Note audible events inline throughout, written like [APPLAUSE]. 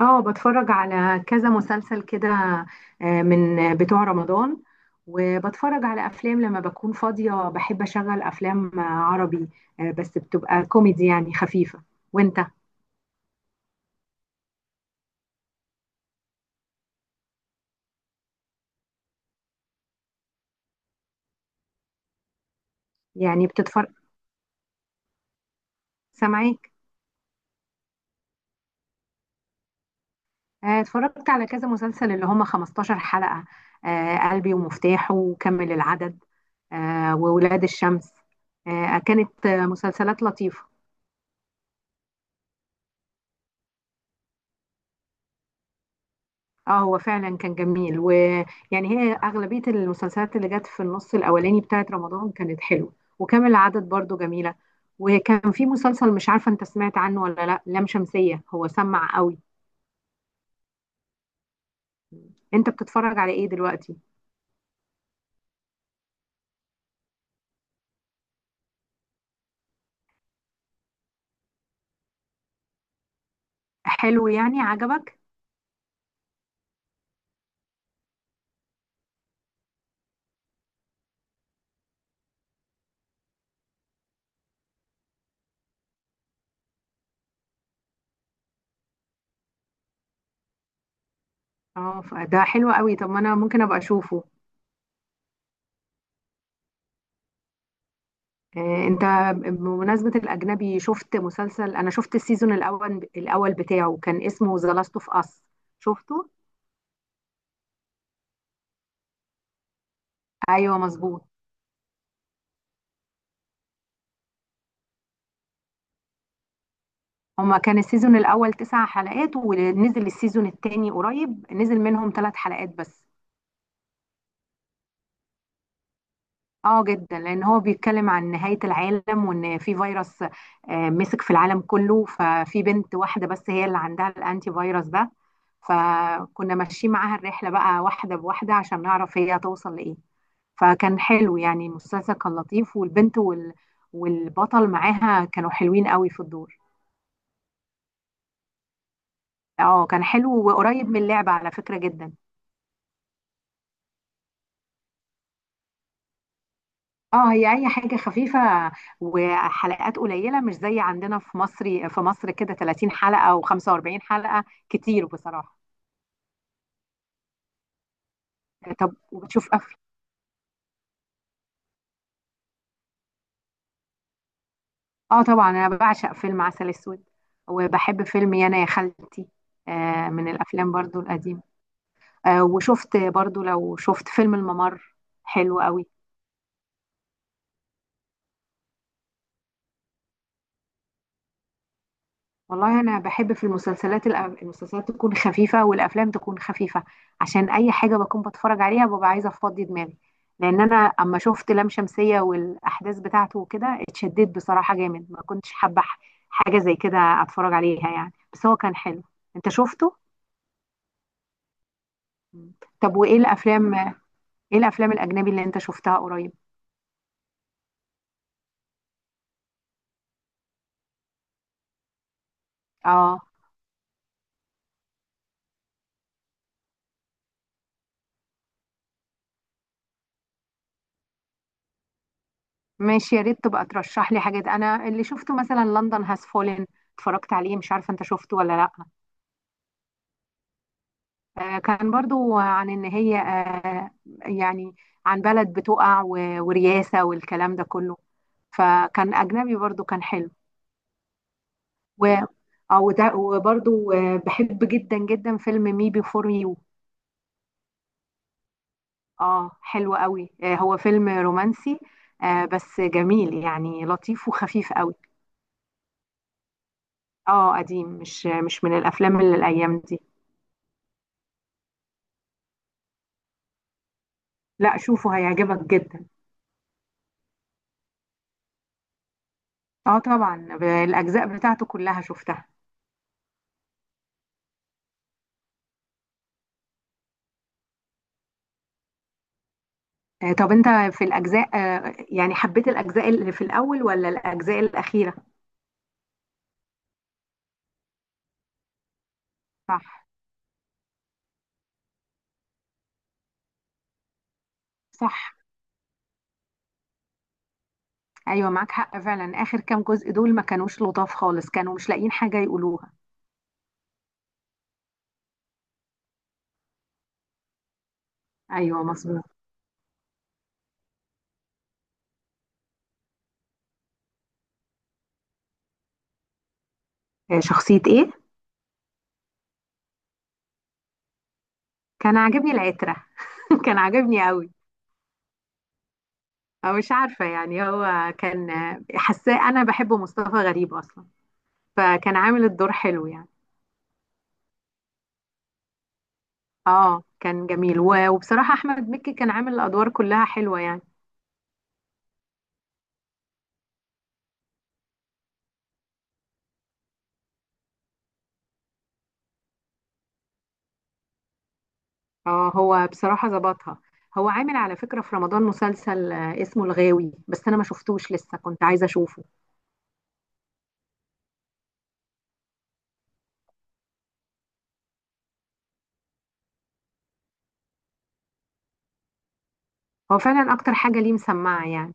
اه، بتفرج على كذا مسلسل كده. آه، من بتوع رمضان. وبتفرج على افلام لما بكون فاضية، بحب اشغل افلام عربي. آه، بس بتبقى كوميدي، يعني خفيفة. وانت؟ يعني بتتفرج. سامعيك. آه، اتفرجت على كذا مسلسل اللي هم 15 حلقة. آه، قلبي ومفتاحه وكمل العدد. آه، وولاد الشمس. آه، كانت مسلسلات لطيفة. اه، هو فعلا كان جميل، ويعني. هي اغلبيه المسلسلات اللي جت في النص الاولاني بتاعت رمضان كانت حلوه. وكامل العدد برضو جميله. وكان في مسلسل مش عارفه انت سمعت عنه ولا لا، لام شمسيه، هو سمع قوي. انت بتتفرج على ايه دلوقتي؟ حلو، يعني عجبك؟ اه، ده حلو قوي. طب ما انا ممكن ابقى اشوفه. آه، انت. بمناسبه الاجنبي شفت مسلسل. انا شفت السيزون الاول بتاعه، كان اسمه ذا لاست اوف اس. شفته؟ ايوه، مظبوط. هما كان السيزون الأول 9 حلقات، ونزل السيزون التاني قريب، نزل منهم 3 حلقات بس. اه، جدا، لأن هو بيتكلم عن نهاية العالم وإن في فيروس مسك في العالم كله، ففي بنت واحدة بس هي اللي عندها الأنتي فيروس ده. فكنا ماشيين معاها الرحلة بقى واحدة بواحدة عشان نعرف هي هتوصل لإيه. فكان حلو، يعني المسلسل كان لطيف، والبنت والبطل معاها كانوا حلوين قوي في الدور. اه، كان حلو وقريب من اللعبة على فكرة جدا. اه، هي اي حاجه خفيفه. وحلقات قليله، مش زي عندنا في مصر كده 30 حلقه و45 حلقه. كتير بصراحه. طب وبتشوف افلام؟ اه، طبعا، انا بعشق فيلم عسل اسود. وبحب فيلم يانا يا خالتي. آه، من الافلام برضو القديمه. آه، وشفت برضو، لو شفت فيلم الممر. حلو قوي. والله انا بحب في المسلسلات المسلسلات تكون خفيفه والافلام تكون خفيفه. عشان اي حاجه بكون بتفرج عليها ببقى عايزه افضي دماغي. لان انا اما شفت لام شمسيه والاحداث بتاعته وكده اتشددت بصراحه جامد، ما كنتش حابه حاجه زي كده اتفرج عليها يعني، بس هو كان حلو. انت شفته؟ مم. طب وايه الافلام؟ ايه الافلام الاجنبي اللي انت شفتها قريب؟ اه، ماشي، يا ريت تبقى ترشح لي حاجات. انا اللي شفته مثلا لندن هاز فولن، اتفرجت عليه، مش عارفه انت شفته ولا لا. آه، كان برضو عن ان هي يعني، عن بلد بتقع ورياسة والكلام ده كله، فكان اجنبي برضو كان حلو. و اه، وده وبرضو بحب جدا جدا فيلم مي بيفور يو. اه، حلو قوي. آه، هو فيلم رومانسي. آه، بس جميل، يعني لطيف وخفيف قوي. اه، قديم، مش من الافلام اللي الايام دي. لا، شوفه هيعجبك جدا. اه، طبعا، الاجزاء بتاعته كلها شفتها. آه، طب انت، في الاجزاء يعني حبيت الاجزاء اللي في الاول ولا الاجزاء الاخيره؟ صح. صح. ايوه، معاك حق فعلا. اخر كام جزء دول ما كانوش لطاف خالص، كانوا مش لاقيين حاجه يقولوها. ايوه، مظبوط. آه، شخصيه ايه؟ كان عاجبني العتره. [LAUGHS] كان عاجبني قوي. او مش عارفه، يعني هو كان حاساه انا بحب مصطفى غريب اصلا، فكان عامل الدور حلو يعني. اه، كان جميل وبصراحه احمد مكي كان عامل الادوار كلها حلوه يعني. اه، هو بصراحة ظبطها. هو عامل على فكرة في رمضان مسلسل اسمه الغاوي، بس انا ما شفتوش لسه، كنت عايزة اشوفه. هو فعلا اكتر حاجة ليه مسمعة يعني.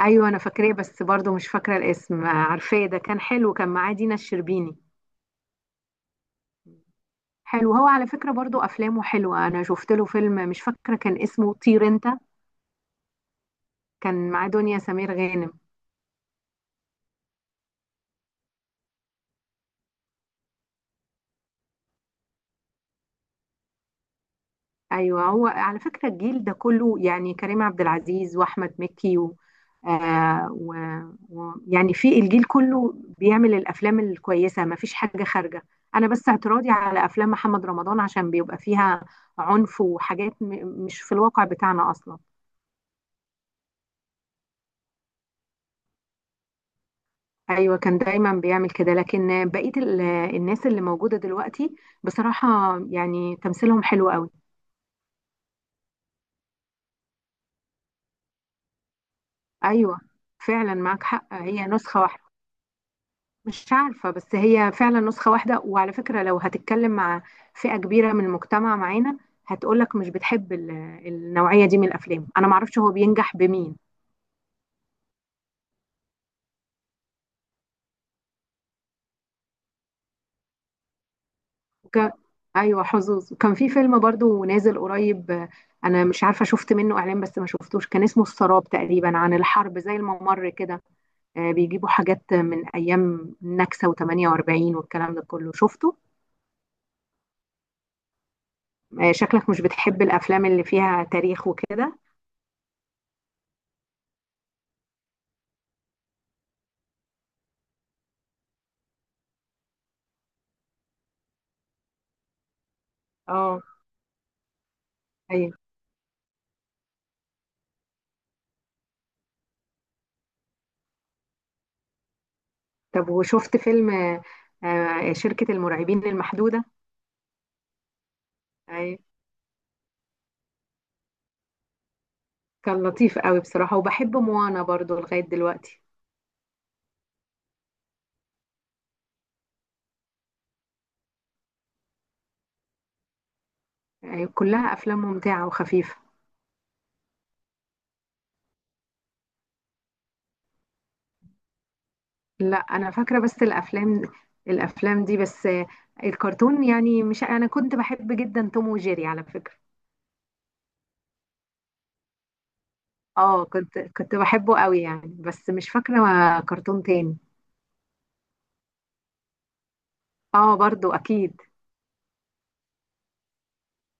ايوه، انا فاكراه، بس برضو مش فاكرة الاسم. عارفاه، ده كان حلو، كان معاه دينا الشربيني. حلو. هو على فكرة برضو افلامه حلوة، انا شفت له فيلم مش فاكرة كان اسمه طير انت. كان معاه دنيا سمير غانم. ايوه، هو على فكره الجيل ده كله، يعني كريم عبد العزيز واحمد مكي آه و... يعني في الجيل كله بيعمل الافلام الكويسه، ما فيش حاجه خارجه. انا بس اعتراضي على افلام محمد رمضان عشان بيبقى فيها عنف وحاجات مش في الواقع بتاعنا اصلا. ايوه، كان دايما بيعمل كده، لكن بقيه الناس اللي موجوده دلوقتي، بصراحه، يعني تمثيلهم حلو قوي. ايوه، فعلا معاك حق، هي نسخه واحده. مش عارفة، بس هي فعلا نسخة واحدة. وعلى فكرة لو هتتكلم مع فئة كبيرة من المجتمع معانا، هتقولك مش بتحب النوعية دي من الأفلام. أنا معرفش هو بينجح بمين. وك... أيوة، حظوظ. وكان في فيلم برضو نازل قريب أنا مش عارفة، شفت منه إعلان بس ما شفتوش، كان اسمه السراب تقريبا، عن الحرب زي الممر كده. آه، بيجيبوا حاجات من أيام النكسة و48 والكلام ده كله. شفته؟ آه، شكلك مش بتحب الأفلام اللي فيها تاريخ وكده. اه، طب وشفت فيلم شركة المرعبين المحدودة؟ أي، كان لطيف قوي بصراحة، وبحب موانا برضو لغاية دلوقتي. أي، كلها أفلام ممتعة وخفيفة. لا، أنا فاكرة بس الأفلام. الأفلام دي بس. الكرتون يعني مش، أنا كنت بحب جدا توم وجيري على فكرة. اه، كنت بحبه قوي يعني، بس مش فاكرة كرتون تاني. اه، برضو أكيد.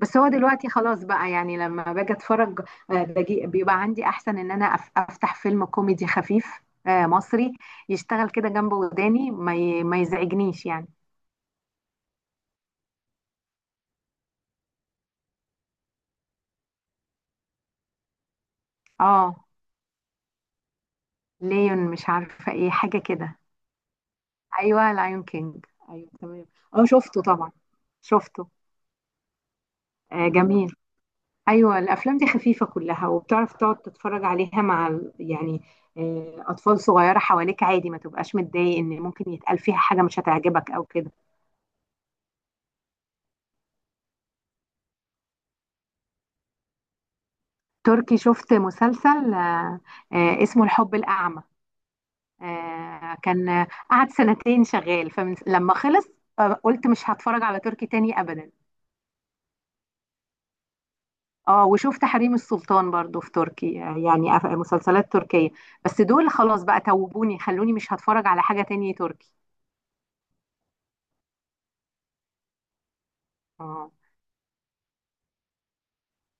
بس هو دلوقتي خلاص بقى، يعني لما باجي اتفرج. آه، باجي بيبقى عندي احسن ان انا افتح فيلم كوميدي خفيف. آه، مصري، يشتغل كده جنب وداني ما ما يزعجنيش يعني. اه، ليون، مش عارفه ايه حاجه كده. ايوه، لايون كينج، ايوه تمام. اه، شفته طبعا. شفته. آه، جميل. ايوه، الافلام دي خفيفه كلها، وبتعرف تقعد تتفرج عليها مع يعني اطفال صغيره حواليك، عادي ما تبقاش متضايق ان ممكن يتقال فيها حاجه مش هتعجبك او كده. تركي، شفت مسلسل آه، اسمه الحب الأعمى. آه، كان قعد سنتين شغال، فلما خلص آه، قلت مش هتفرج على تركي تاني أبدا. اه، وشفت حريم السلطان برضو في تركي يعني مسلسلات تركية. بس دول خلاص بقى، توبوني خلوني مش هتفرج على حاجة تانية تركي. اه،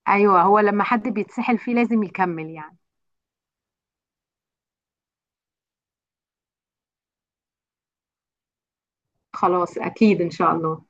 أيوه، هو لما حد بيتسحل فيه لازم يكمل يعني. خلاص أكيد إن شاء الله.